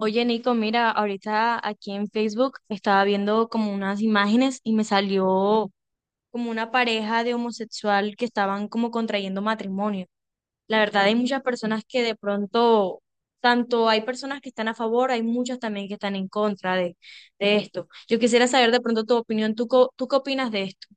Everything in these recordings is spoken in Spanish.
Oye, Nico, mira, ahorita aquí en Facebook estaba viendo como unas imágenes y me salió como una pareja de homosexual que estaban como contrayendo matrimonio. La verdad, hay muchas personas que de pronto, tanto hay personas que están a favor, hay muchas también que están en contra de esto. Yo quisiera saber de pronto tu opinión, ¿tú qué opinas de esto?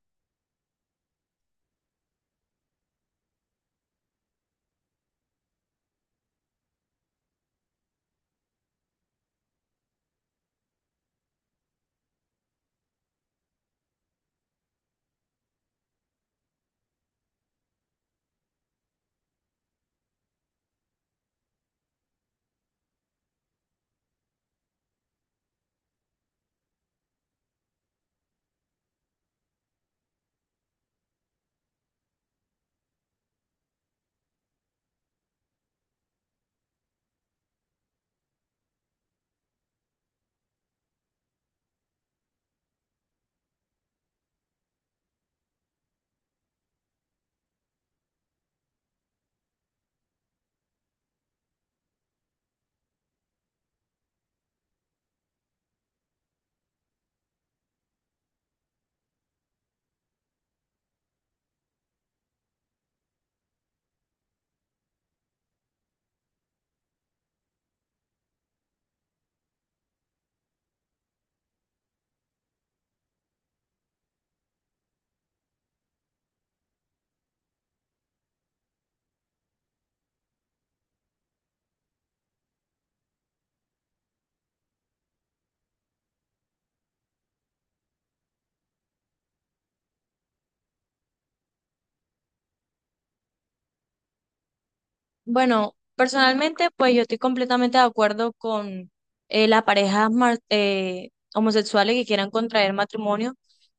Bueno, personalmente, pues yo estoy completamente de acuerdo con las parejas homosexuales que quieran contraer matrimonio.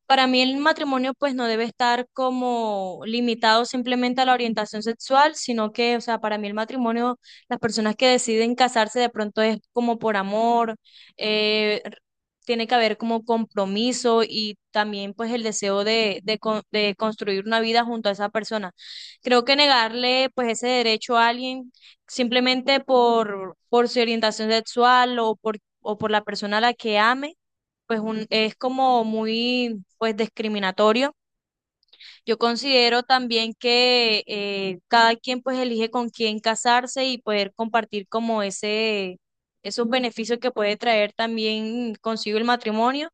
Para mí el matrimonio pues no debe estar como limitado simplemente a la orientación sexual, sino que, o sea, para mí el matrimonio, las personas que deciden casarse de pronto es como por amor, eh, r- tiene que haber como compromiso y también pues el deseo de construir una vida junto a esa persona. Creo que negarle pues ese derecho a alguien simplemente por su orientación sexual o por la persona a la que ame, es como muy pues discriminatorio. Yo considero también que cada quien pues elige con quién casarse y poder compartir como esos beneficios que puede traer también consigo el matrimonio.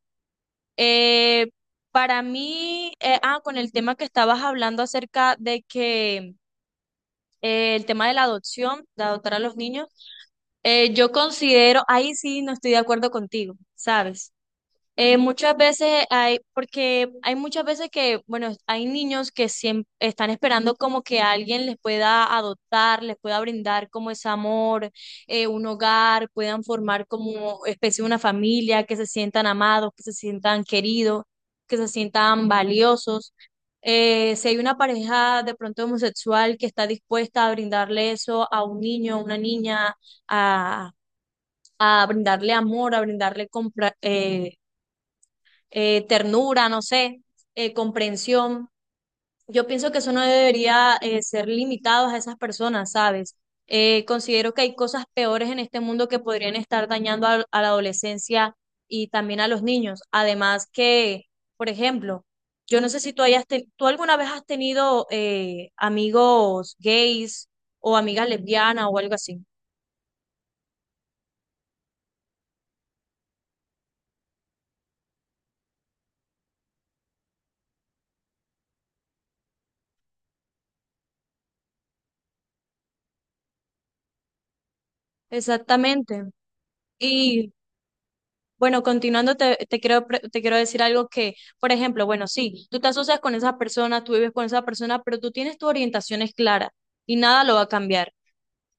Eh, para mí, con el tema que estabas hablando acerca de que el tema de la adopción, de adoptar a los niños, yo considero, ahí sí no estoy de acuerdo contigo, ¿sabes? Muchas veces hay, porque hay muchas veces que, bueno, hay niños que siempre están esperando como que alguien les pueda adoptar, les pueda brindar como ese amor, un hogar, puedan formar como especie de una familia, que se sientan amados, que se sientan queridos, que se sientan valiosos. Si hay una pareja de pronto homosexual que está dispuesta a brindarle eso a un niño, a una niña, a, a brindarle amor, a brindarle compra, ternura, no sé, comprensión. Yo pienso que eso no debería ser limitado a esas personas, ¿sabes? Considero que hay cosas peores en este mundo que podrían estar dañando a la adolescencia y también a los niños. Además que, por ejemplo, yo no sé si tú alguna vez has tenido amigos gays o amigas lesbianas o algo así. Exactamente. Y bueno, continuando, te quiero, te quiero decir algo que, por ejemplo, bueno, sí, tú te asocias con esa persona, tú vives con esa persona, pero tú tienes tus orientaciones claras y nada lo va a cambiar.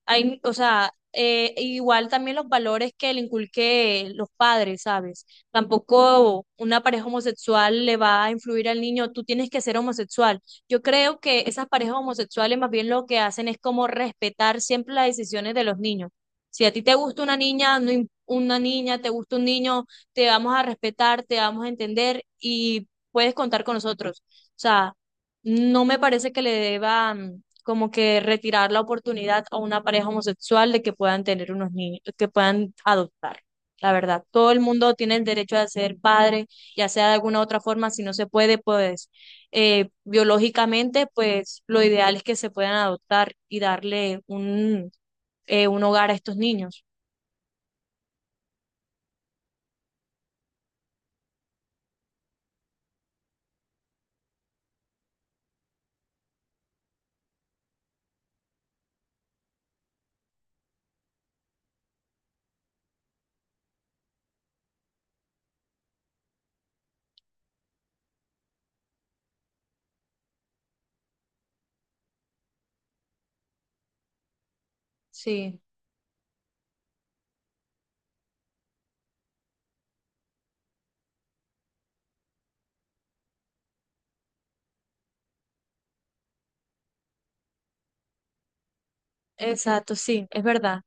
Hay, o sea, igual también los valores que le inculqué los padres, ¿sabes? Tampoco una pareja homosexual le va a influir al niño, tú tienes que ser homosexual. Yo creo que esas parejas homosexuales más bien lo que hacen es como respetar siempre las decisiones de los niños. Si a ti te gusta una niña, no im- una niña, te gusta un niño, te vamos a respetar, te vamos a entender y puedes contar con nosotros. O sea, no me parece que le deban como que retirar la oportunidad a una pareja homosexual de que puedan tener unos niños, que puedan adoptar. La verdad, todo el mundo tiene el derecho de ser padre, ya sea de alguna u otra forma, si no se puede, pues biológicamente, pues lo ideal es que se puedan adoptar y darle un hogar a estos niños. Sí, exacto, sí, es verdad.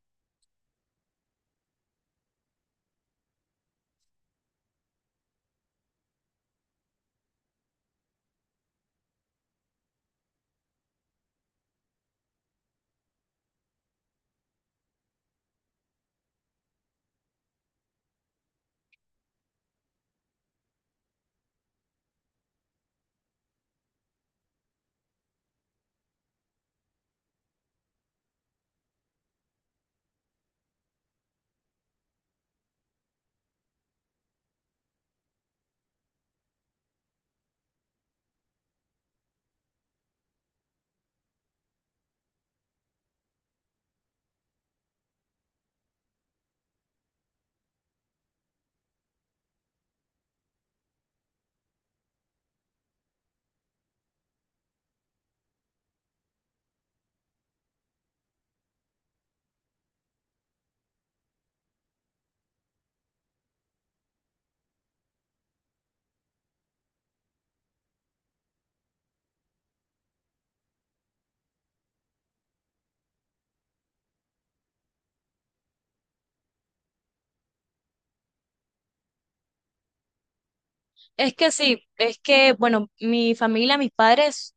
Es que sí, es que, bueno, mi familia, mis padres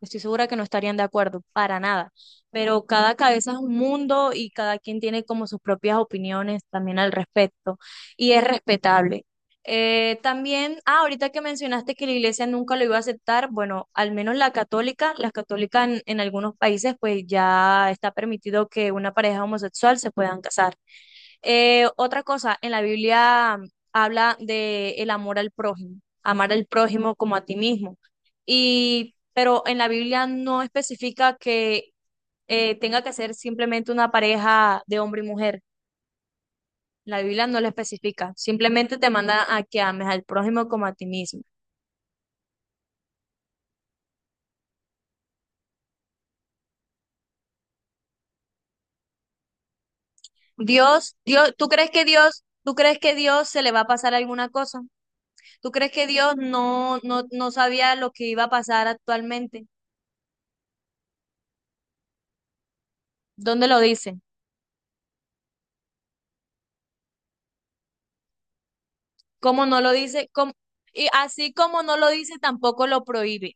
estoy segura que no estarían de acuerdo, para nada. Pero cada cabeza es un mundo y cada quien tiene como sus propias opiniones también al respecto y es respetable. También, ahorita que mencionaste que la iglesia nunca lo iba a aceptar, bueno, al menos la católica, las católicas en algunos países pues ya está permitido que una pareja homosexual se puedan casar. Otra cosa, en la Biblia habla de el amor al prójimo, amar al prójimo como a ti mismo. Y pero en la Biblia no especifica que tenga que ser simplemente una pareja de hombre y mujer. La Biblia no lo especifica, simplemente te manda a que ames al prójimo como a ti mismo. Dios, ¿tú crees que Dios, tú crees que Dios se le va a pasar alguna cosa? ¿Tú crees que Dios no sabía lo que iba a pasar actualmente? ¿Dónde lo dice? ¿Cómo no lo dice? ¿Cómo? Y así como no lo dice, tampoco lo prohíbe.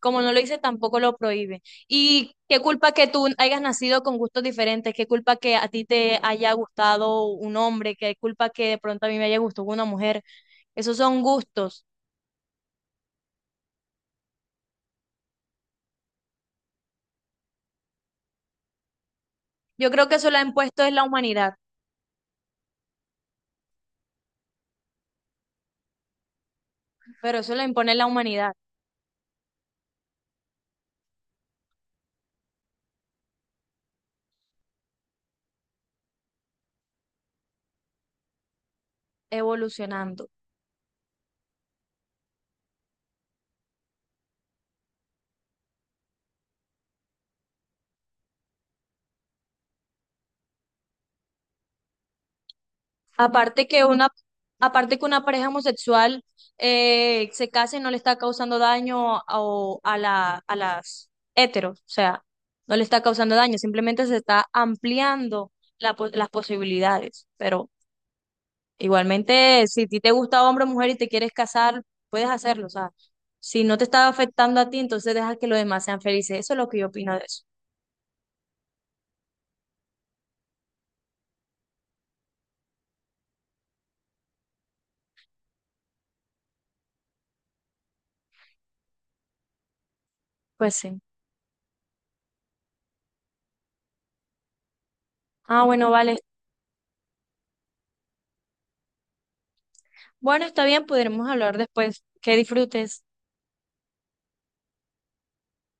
Como no lo hice, tampoco lo prohíbe. Y qué culpa que tú hayas nacido con gustos diferentes, qué culpa que a ti te haya gustado un hombre, qué culpa que de pronto a mí me haya gustado una mujer. Esos son gustos. Yo creo que eso lo ha impuesto es la humanidad, pero eso lo impone la humanidad evolucionando. Aparte que una, aparte que una pareja homosexual se case no le está causando daño a, o a la, a las heteros, o sea, no le está causando daño, simplemente se está ampliando las posibilidades. Pero igualmente, si a ti te gusta hombre o mujer y te quieres casar, puedes hacerlo, o sea, si no te está afectando a ti, entonces deja que los demás sean felices. Eso es lo que yo opino de eso. Pues sí. Ah, bueno, vale. Bueno, está bien, podremos hablar después. Que disfrutes.